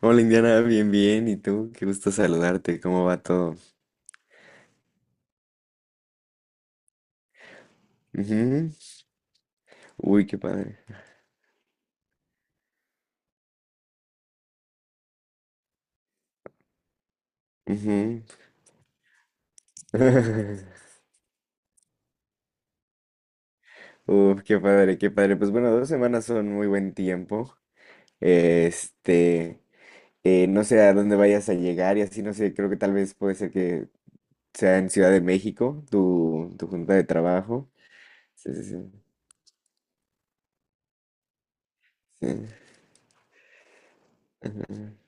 Hola Indiana, bien, bien. ¿Y tú? Qué gusto saludarte. ¿Cómo va todo? Ujú. Uy, qué padre. Ujú. Uf, qué padre, qué padre. Pues bueno, 2 semanas son muy buen tiempo. Este, no sé a dónde vayas a llegar y así, no sé, creo que tal vez puede ser que sea en Ciudad de México, tu junta de trabajo. Sí, sí, sí. Sí, ajá.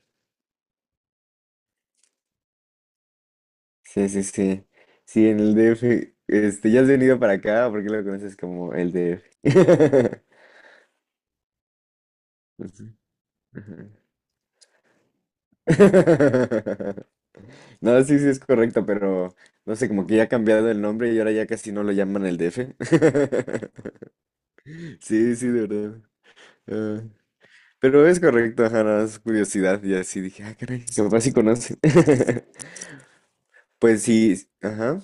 Sí, sí. Sí, sí, en el DF. Este, ¿ya has venido para acá? ¿Por qué lo conoces como el DF? Ujú. No, sí, sí es correcto, pero no sé, como que ya ha cambiado el nombre y ahora ya casi no lo llaman el DF. Sí, sí, de verdad. Ah, pero es correcto, ajá, nada más curiosidad y así dije, ah, caray, mi papá sí conoce. Pues sí, ajá.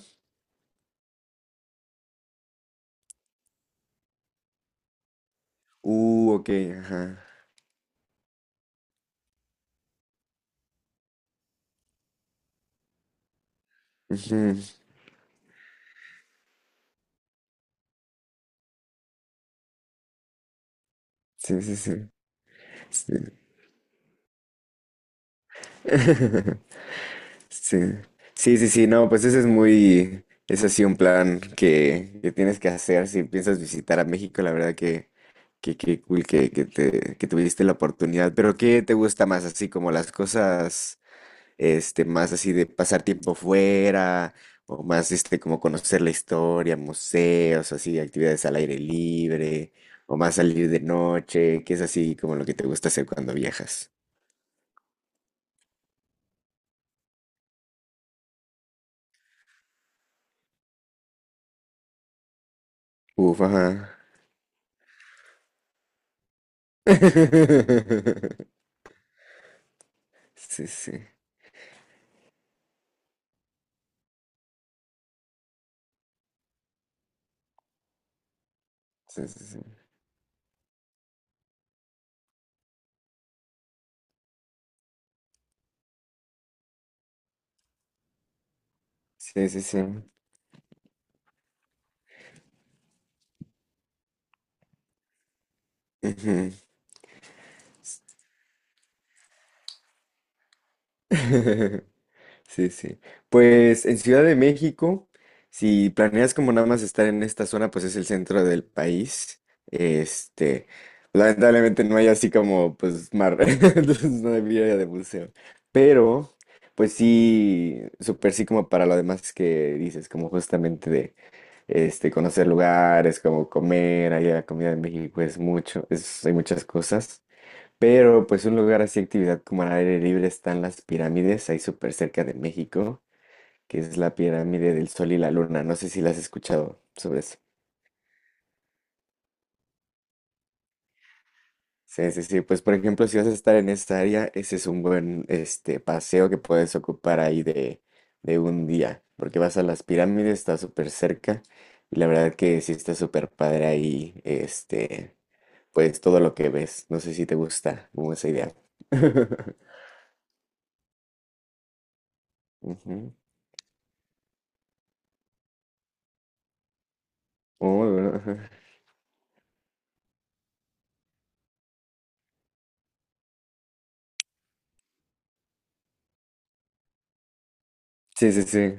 Ok, ajá. Ujú. Sí, sí, sí. Sí. Sí. Sí, sí, sí, no, pues ese es muy, es así un plan que tienes que hacer si piensas visitar a México, la verdad que... Qué cool que tuviste la oportunidad, pero ¿qué te gusta más? Así como las cosas, este, más así de pasar tiempo fuera, o más este, como conocer la historia, museos, así, actividades al aire libre, o más salir de noche, qué es así como lo que te gusta hacer cuando viajas. Uf, ajá. Sí, sí, sí, sí, sí, sí, sí, sí. Ujú. Sí, sí. Pues en Ciudad de México, si planeas como nada más estar en esta zona, pues es el centro del país. Este, lamentablemente no hay así como pues mar, entonces no había de museo. Pero, pues sí, súper sí como para lo demás que dices, como justamente de este conocer lugares, como comer, allá la comida en México es mucho, es, hay muchas cosas. Pero pues un lugar así, actividad como al aire libre están las pirámides, ahí súper cerca de México, que es la pirámide del Sol y la Luna. No sé si la has escuchado sobre eso. Sí, sí, sí. Pues por ejemplo, si vas a estar en esta área, ese es un buen este paseo que puedes ocupar ahí de, un día, porque vas a las pirámides, está súper cerca, y la verdad que sí está súper padre ahí, este, pues todo lo que ves. No sé si te gusta como esa idea. Ujú. Oh, bueno, ajá. Sí, sí, sí.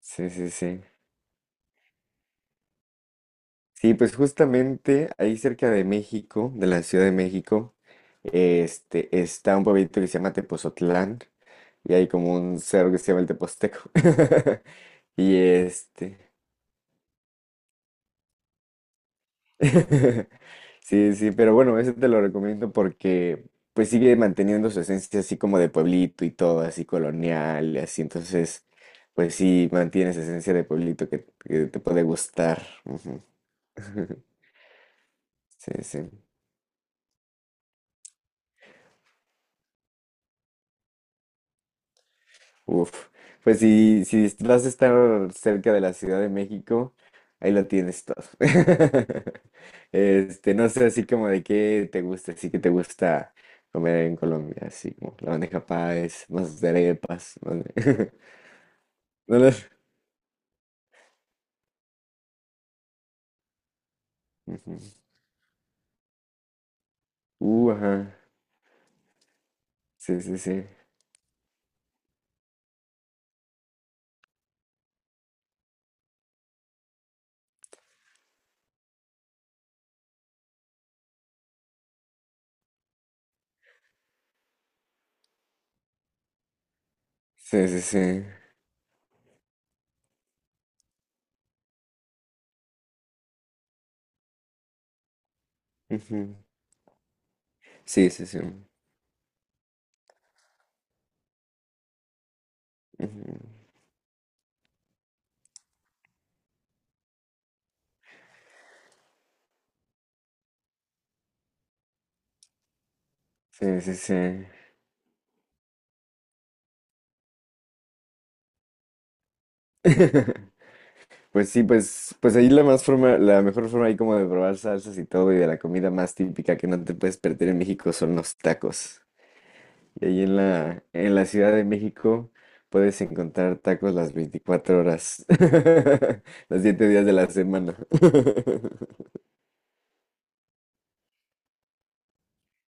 Sí, sí, sí. Sí, pues justamente ahí cerca de México, de la Ciudad de México, este, está un pueblito que se llama Tepozotlán y hay como un cerro que se llama el Teposteco. Y este, sí, sí, pero bueno, ese te lo recomiendo porque pues sigue manteniendo su esencia así como de pueblito y todo, así colonial y así. Entonces, pues sí, mantiene esa esencia de pueblito que, te puede gustar. Ujú. Sí, sí. Uf, pues si vas a estar cerca de la Ciudad de México, ahí lo tienes todo. Este, no sé así como de qué te gusta, así que te gusta comer en Colombia, así como la bandeja paes, más de arepas, no sé. No lo- Ujú. Ajá. Sí, sí, sí. Sí, sí, sí. Ujú. Sí, sí, sí. Ujú. Sí, sí, sí. Pues sí, pues ahí la más forma, la mejor forma ahí como de probar salsas y todo y de la comida más típica que no te puedes perder en México son los tacos. Y ahí en la Ciudad de México puedes encontrar tacos las 24 horas, los 7 días de la semana.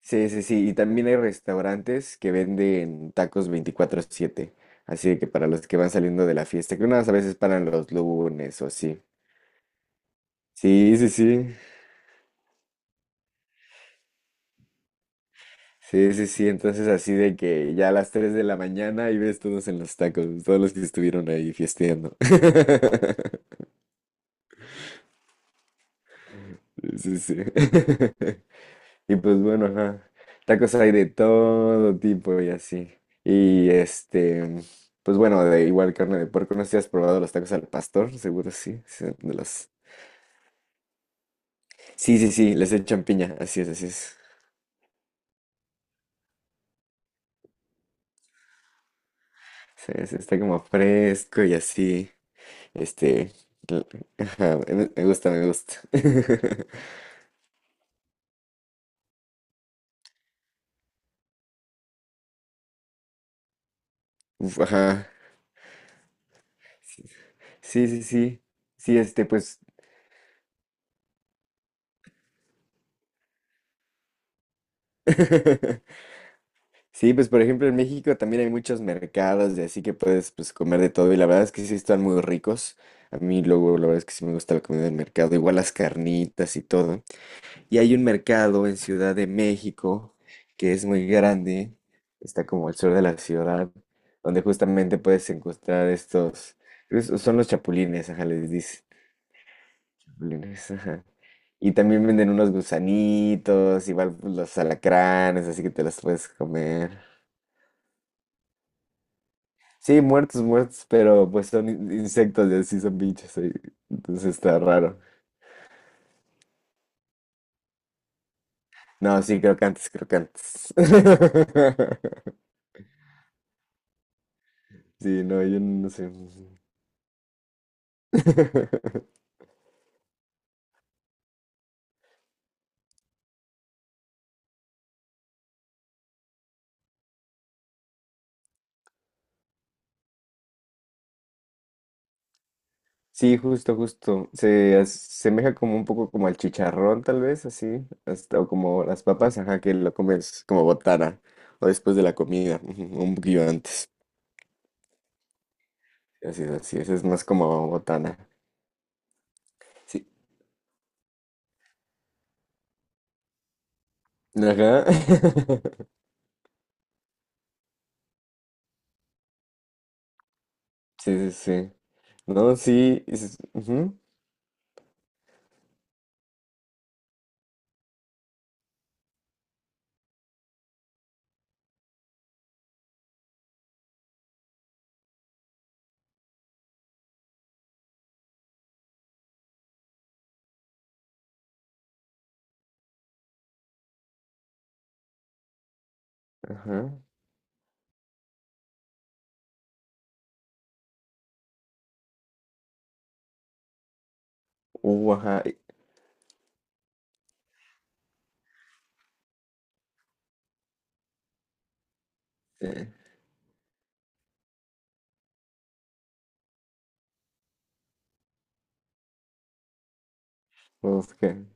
Sí, sí, sí. Y también hay restaurantes que venden tacos 24/7. Así de que para los que van saliendo de la fiesta, que unas a veces paran los lunes o así. Sí, sí, sí. Sí, sí, sí, entonces así de que ya a las 3 de la mañana y ves todos en los tacos, todos los que estuvieron ahí fiesteando. Sí, sí. Y pues bueno, ajá, tacos hay de todo tipo y así. Y este, pues bueno, de igual carne de puerco, no sé si has probado los tacos al pastor, seguro sí. Sí, de los... sí, sí, sí, les echan piña, así es, así es. Sí, sí, está como fresco y así. Este, l- ajá, me gusta, me gusta. Uf, ajá. Sí, sí, sí. Sí, este, pues. Sí, pues por ejemplo en México también hay muchos mercados y así que puedes pues comer de todo y la verdad es que sí están muy ricos. A mí luego la verdad es que sí me gusta la comida del mercado, igual las carnitas y todo. Y hay un mercado en Ciudad de México que es muy grande, está como al sur de la ciudad, donde justamente puedes encontrar estos, son los chapulines, ajá, les dice. Lunes, ajá. Y también venden unos gusanitos, igual pues, los alacranes, así que te los puedes comer. Sí, muertos, muertos, pero pues son insectos y así son bichos ahí. Entonces está raro. No, sí, crocantes, crocantes. Sí, no, yo no sé. Sí, justo, justo. Se asemeja como un poco como al chicharrón, tal vez, así. Hasta, o como las papas, ajá, que lo comes como botana. O después de la comida, ujú, un poquillo antes. Así es más como botana. Sí. Ajá. Sí, sí, sí. No, sí. Ujú. Ajá. Ajá. Eh, uf, qué.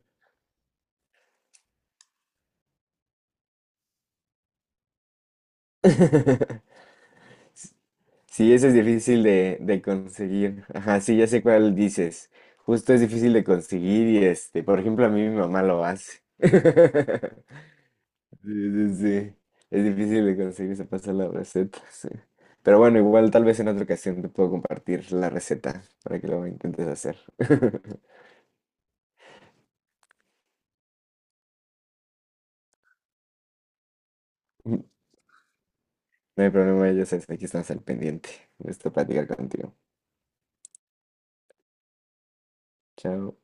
Sí, ese es difícil de, conseguir. Ajá, sí, ya sé cuál dices. Justo es difícil de conseguir y este, por ejemplo, a mí mi mamá lo hace. Sí, sí, sí. Es difícil de conseguir, se pasa la receta. Sí. Pero bueno, igual tal vez en otra ocasión te puedo compartir la receta para que lo intentes hacer. No hay problema, ya sabes, aquí estamos al pendiente. Me gusta platicar contigo. Chao.